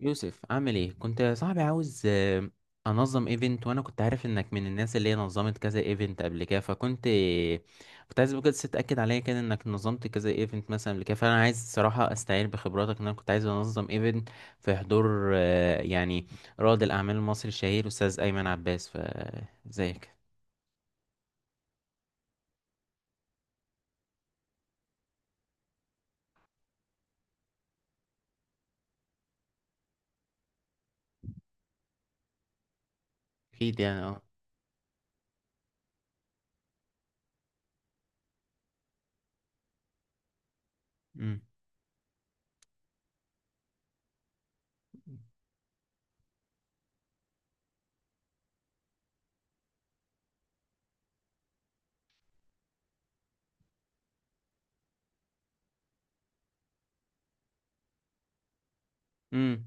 يوسف عامل ايه كنت يا صاحبي عاوز انظم ايفنت وانا كنت عارف انك من الناس اللي هي نظمت كذا ايفنت قبل كده فكنت عايز بجد تتاكد عليا كده انك نظمت كذا ايفنت مثلا قبل كده فانا عايز الصراحه استعين بخبراتك ان انا كنت عايز انظم ايفنت في حضور يعني رائد الاعمال المصري الشهير استاذ ايمن عباس فازيك. اكيد يعني اه. امم. امم.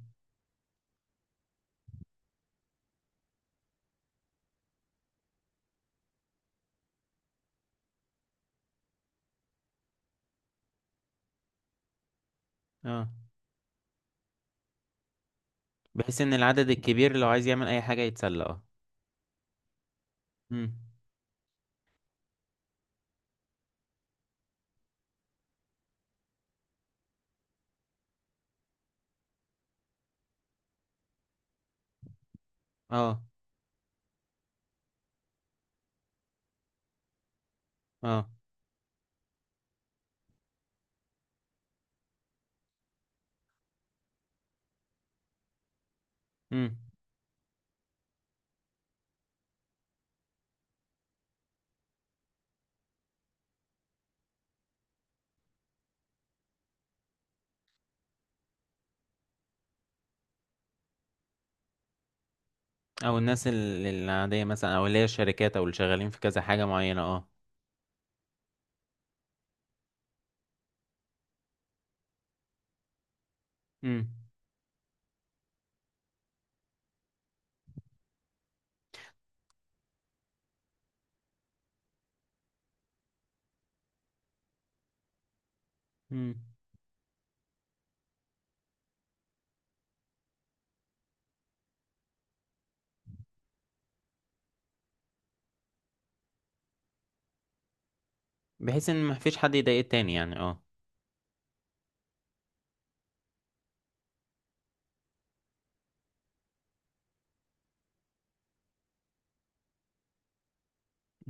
اه. بحيث ان العدد الكبير لو عايز يعمل اي حاجه يتسلى اه. امم. اه. اه. امم. او الناس العاديه مثلا او اللي هي الشركات او اللي شغالين في كذا حاجه معينه اه. امم. امم. بحيث ان مفيش حد يضايق التاني يعني اه.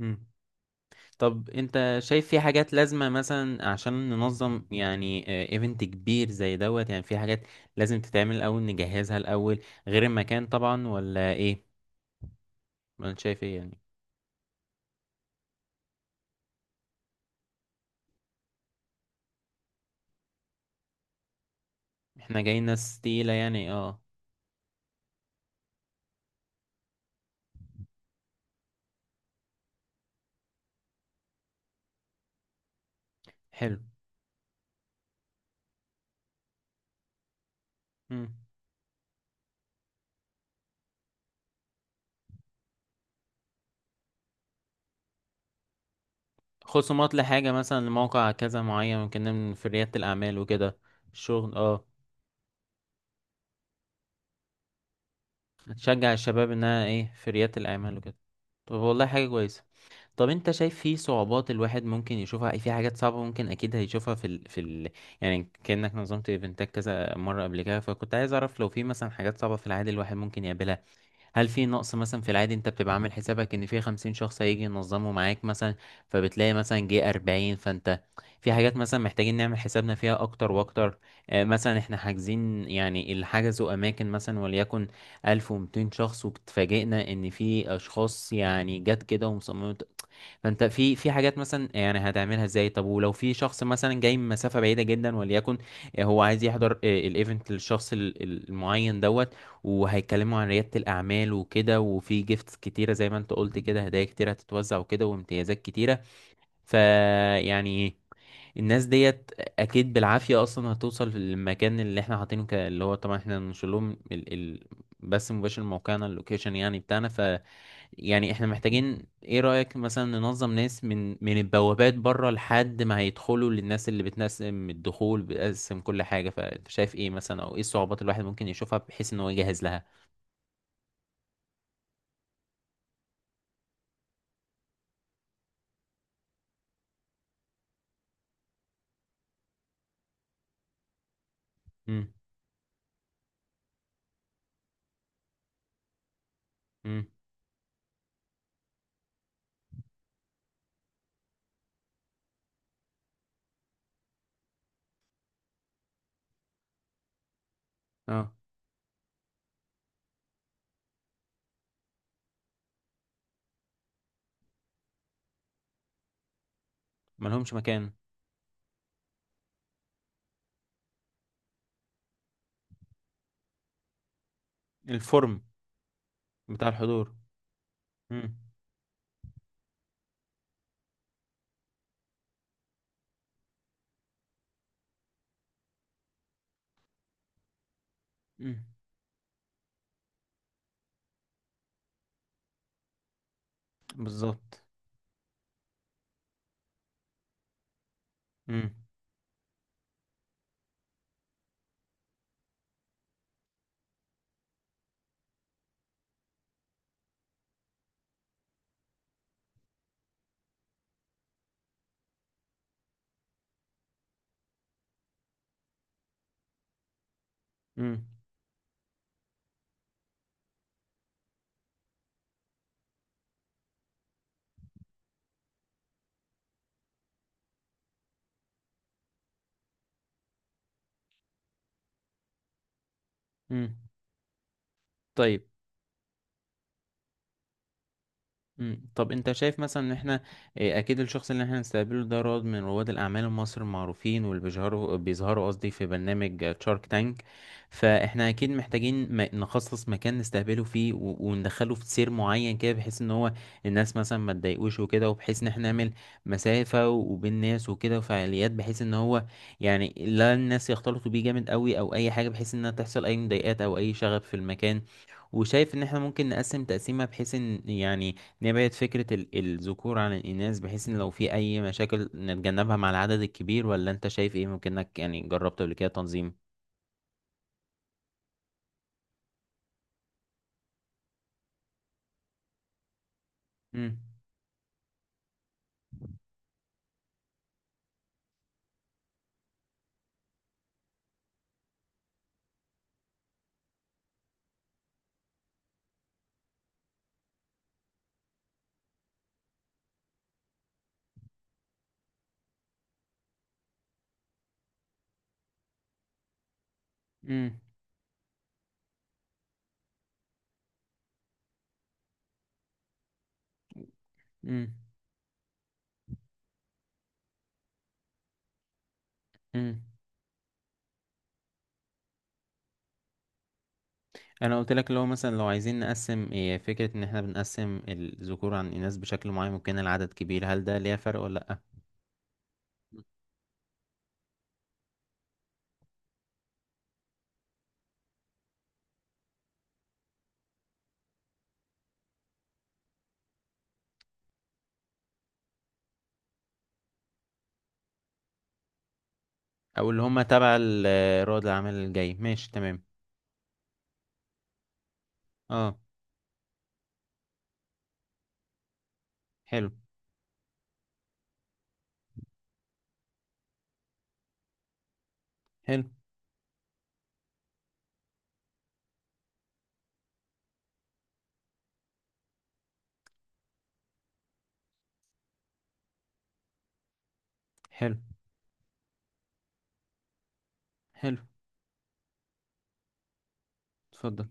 امم. طب انت شايف في حاجات لازمه مثلا عشان ننظم يعني ايفنت كبير زي دوت، يعني في حاجات لازم تتعمل الاول نجهزها الاول غير المكان طبعا ولا ايه؟ ولا انت شايف ايه يعني؟ احنا جايين ناس تقيله يعني اه. حلو. امم. خصومات لحاجه مثلا لموقع كذا معين ممكن نعمل في رياده الاعمال وكده. الشغل اه. تشجع الشباب انها ايه في ريادة الاعمال وكده. طب والله حاجة كويسة. طب انت شايف في صعوبات الواحد ممكن يشوفها في حاجات صعبة ممكن اكيد هيشوفها يعني كأنك نظمت ايفنتات كذا مرة قبل كده فكنت عايز اعرف لو في مثلا حاجات صعبة في العادي الواحد ممكن يقابلها. هل في نقص مثلا في العادي انت بتبقى عامل حسابك ان في 50 شخص هيجي ينظموا معاك مثلا، فبتلاقي مثلا جه 40؟ فانت في حاجات مثلا محتاجين نعمل حسابنا فيها اكتر واكتر، مثلا احنا حاجزين يعني اللي حجزوا اماكن مثلا وليكن 1200 شخص واتفاجئنا ان في اشخاص يعني جت كده ومصممة. فانت في حاجات مثلا يعني هتعملها ازاي؟ طب ولو في شخص مثلا جاي من مسافه بعيده جدا وليكن هو عايز يحضر الايفنت للشخص المعين دوت، وهيتكلموا عن رياده الاعمال وكده وفي جيفتس كتيره زي ما انت قلت كده هدايا كتيره هتتوزع وكده وامتيازات كتيره، فيعني الناس ديت اكيد بالعافيه اصلا هتوصل للمكان اللي احنا حاطينه اللي هو طبعا احنا هننشر لهم بس مباشر من موقعنا اللوكيشن يعني بتاعنا. يعني احنا محتاجين، ايه رأيك مثلا ننظم ناس من البوابات بره لحد ما هيدخلوا للناس اللي بتنسم الدخول بتقسم كل حاجة، فانت شايف ايه مثلا او ايه الصعوبات الواحد ممكن يشوفها بحيث ان هو يجهز لها؟ امم. امم. اه. ملهمش مكان. الفورم. بتاع الحضور. امم. امم. بالظبط. امم. امم. امم. طيب. مم. طب انت شايف مثلا ان احنا اه، اكيد الشخص اللي احنا هنستقبله ده رواد من رواد الاعمال المصري المعروفين، واللي بيظهروا قصدي في برنامج شارك تانك. فاحنا اكيد محتاجين نخصص مكان نستقبله فيه وندخله في سير معين كده بحيث ان هو الناس مثلا ما تضايقوش وكده، وبحيث ان احنا نعمل مسافة وبين الناس وكده وفعاليات، بحيث ان هو يعني لا الناس يختلطوا بيه جامد قوي او اي حاجة بحيث انها تحصل اي مضايقات او اي شغب في المكان. وشايف ان احنا ممكن نقسم تقسيمة بحيث ان يعني نبعد فكرة الذكور عن الإناث، بحيث إن لو في أي مشاكل نتجنبها مع العدد الكبير، ولا أنت شايف إيه ممكنك يعني جربت قبل كده تنظيم؟ مم. مم. مم. مم. أنا قلت لك لو مثلا لو عايزين نقسم، إيه فكرة إن إحنا بنقسم الذكور عن الإناث بشكل معين ممكن العدد كبير؟ هل ده ليه فرق ولا لأ؟ أو اللي هما تبع رواد الأعمال الجاي ماشي تمام. أه. حلو. حلو. حلو. حلو. اتفضل.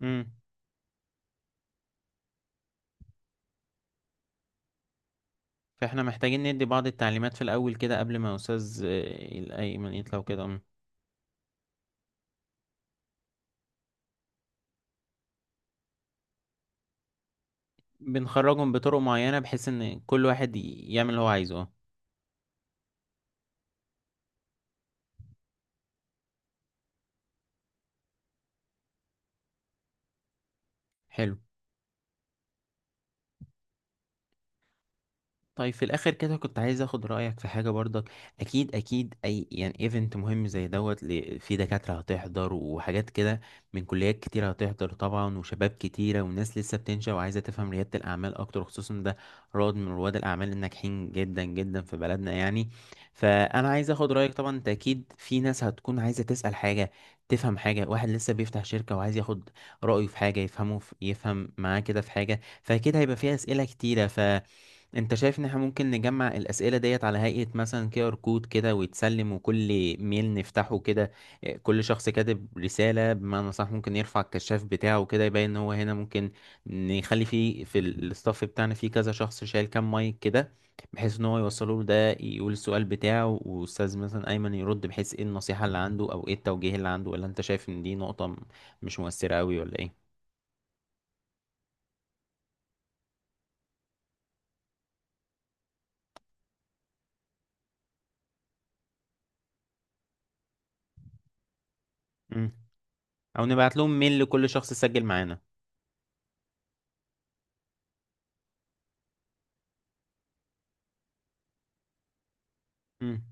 مم. فاحنا محتاجين ندي بعض التعليمات في الأول كده قبل ما أستاذ الأيمن يطلع كده. بنخرجهم بطرق معينة بحيث إن كل واحد يعمل اللي هو عايزه اه. حلو. طيب في الاخر كده كنت عايز اخد رايك في حاجه برضك. اكيد اكيد اي يعني ايفنت مهم زي دوت، في دكاتره هتحضر وحاجات كده من كليات كتير هتحضر طبعا وشباب كتيره وناس لسه بتنشا وعايزه تفهم رياده الاعمال اكتر، خصوصا ده رواد من رواد الاعمال الناجحين جدا جدا في بلدنا يعني. فانا عايز اخد رايك، طبعا انت اكيد في ناس هتكون عايزه تسال حاجه تفهم حاجه، واحد لسه بيفتح شركه وعايز ياخد رايه في حاجه يفهمه في يفهم معاه كده في حاجه، فاكيد هيبقى فيها اسئله كتيره. ف انت شايف ان احنا ممكن نجمع الاسئله ديت على هيئه مثلا QR كود كده ويتسلم؟ وكل ميل نفتحه كده، اه، كل شخص كاتب رساله بمعنى صح ممكن يرفع الكشاف بتاعه كده يبين ان هو هنا. ممكن نخلي فيه في الستاف بتاعنا فيه كذا شخص شايل كام مايك كده بحيث ان هو يوصله له، ده يقول السؤال بتاعه واستاذ مثلا ايمن يرد بحيث ايه النصيحه اللي عنده او ايه التوجيه اللي عنده. ولا انت شايف ان دي نقطه مش مؤثره قوي ولا ايه؟ مم. او نبعت لهم ميل لكل شخص سجل معانا. مم.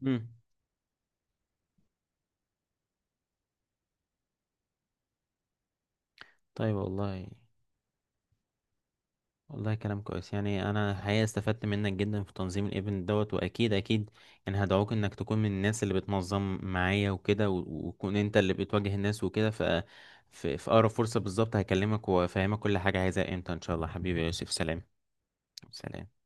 مم. طيب والله. والله كلام كويس، يعني انا الحقيقه استفدت منك جدا في تنظيم الايفنت دوت، واكيد اكيد يعني هدعوك انك تكون من الناس اللي بتنظم معايا وكده وتكون انت اللي بتواجه الناس وكده، ف في اقرب فرصه بالظبط هكلمك وافهمك كل حاجه عايزها امتى ان شاء الله. حبيبي يا يوسف سلام. سلام.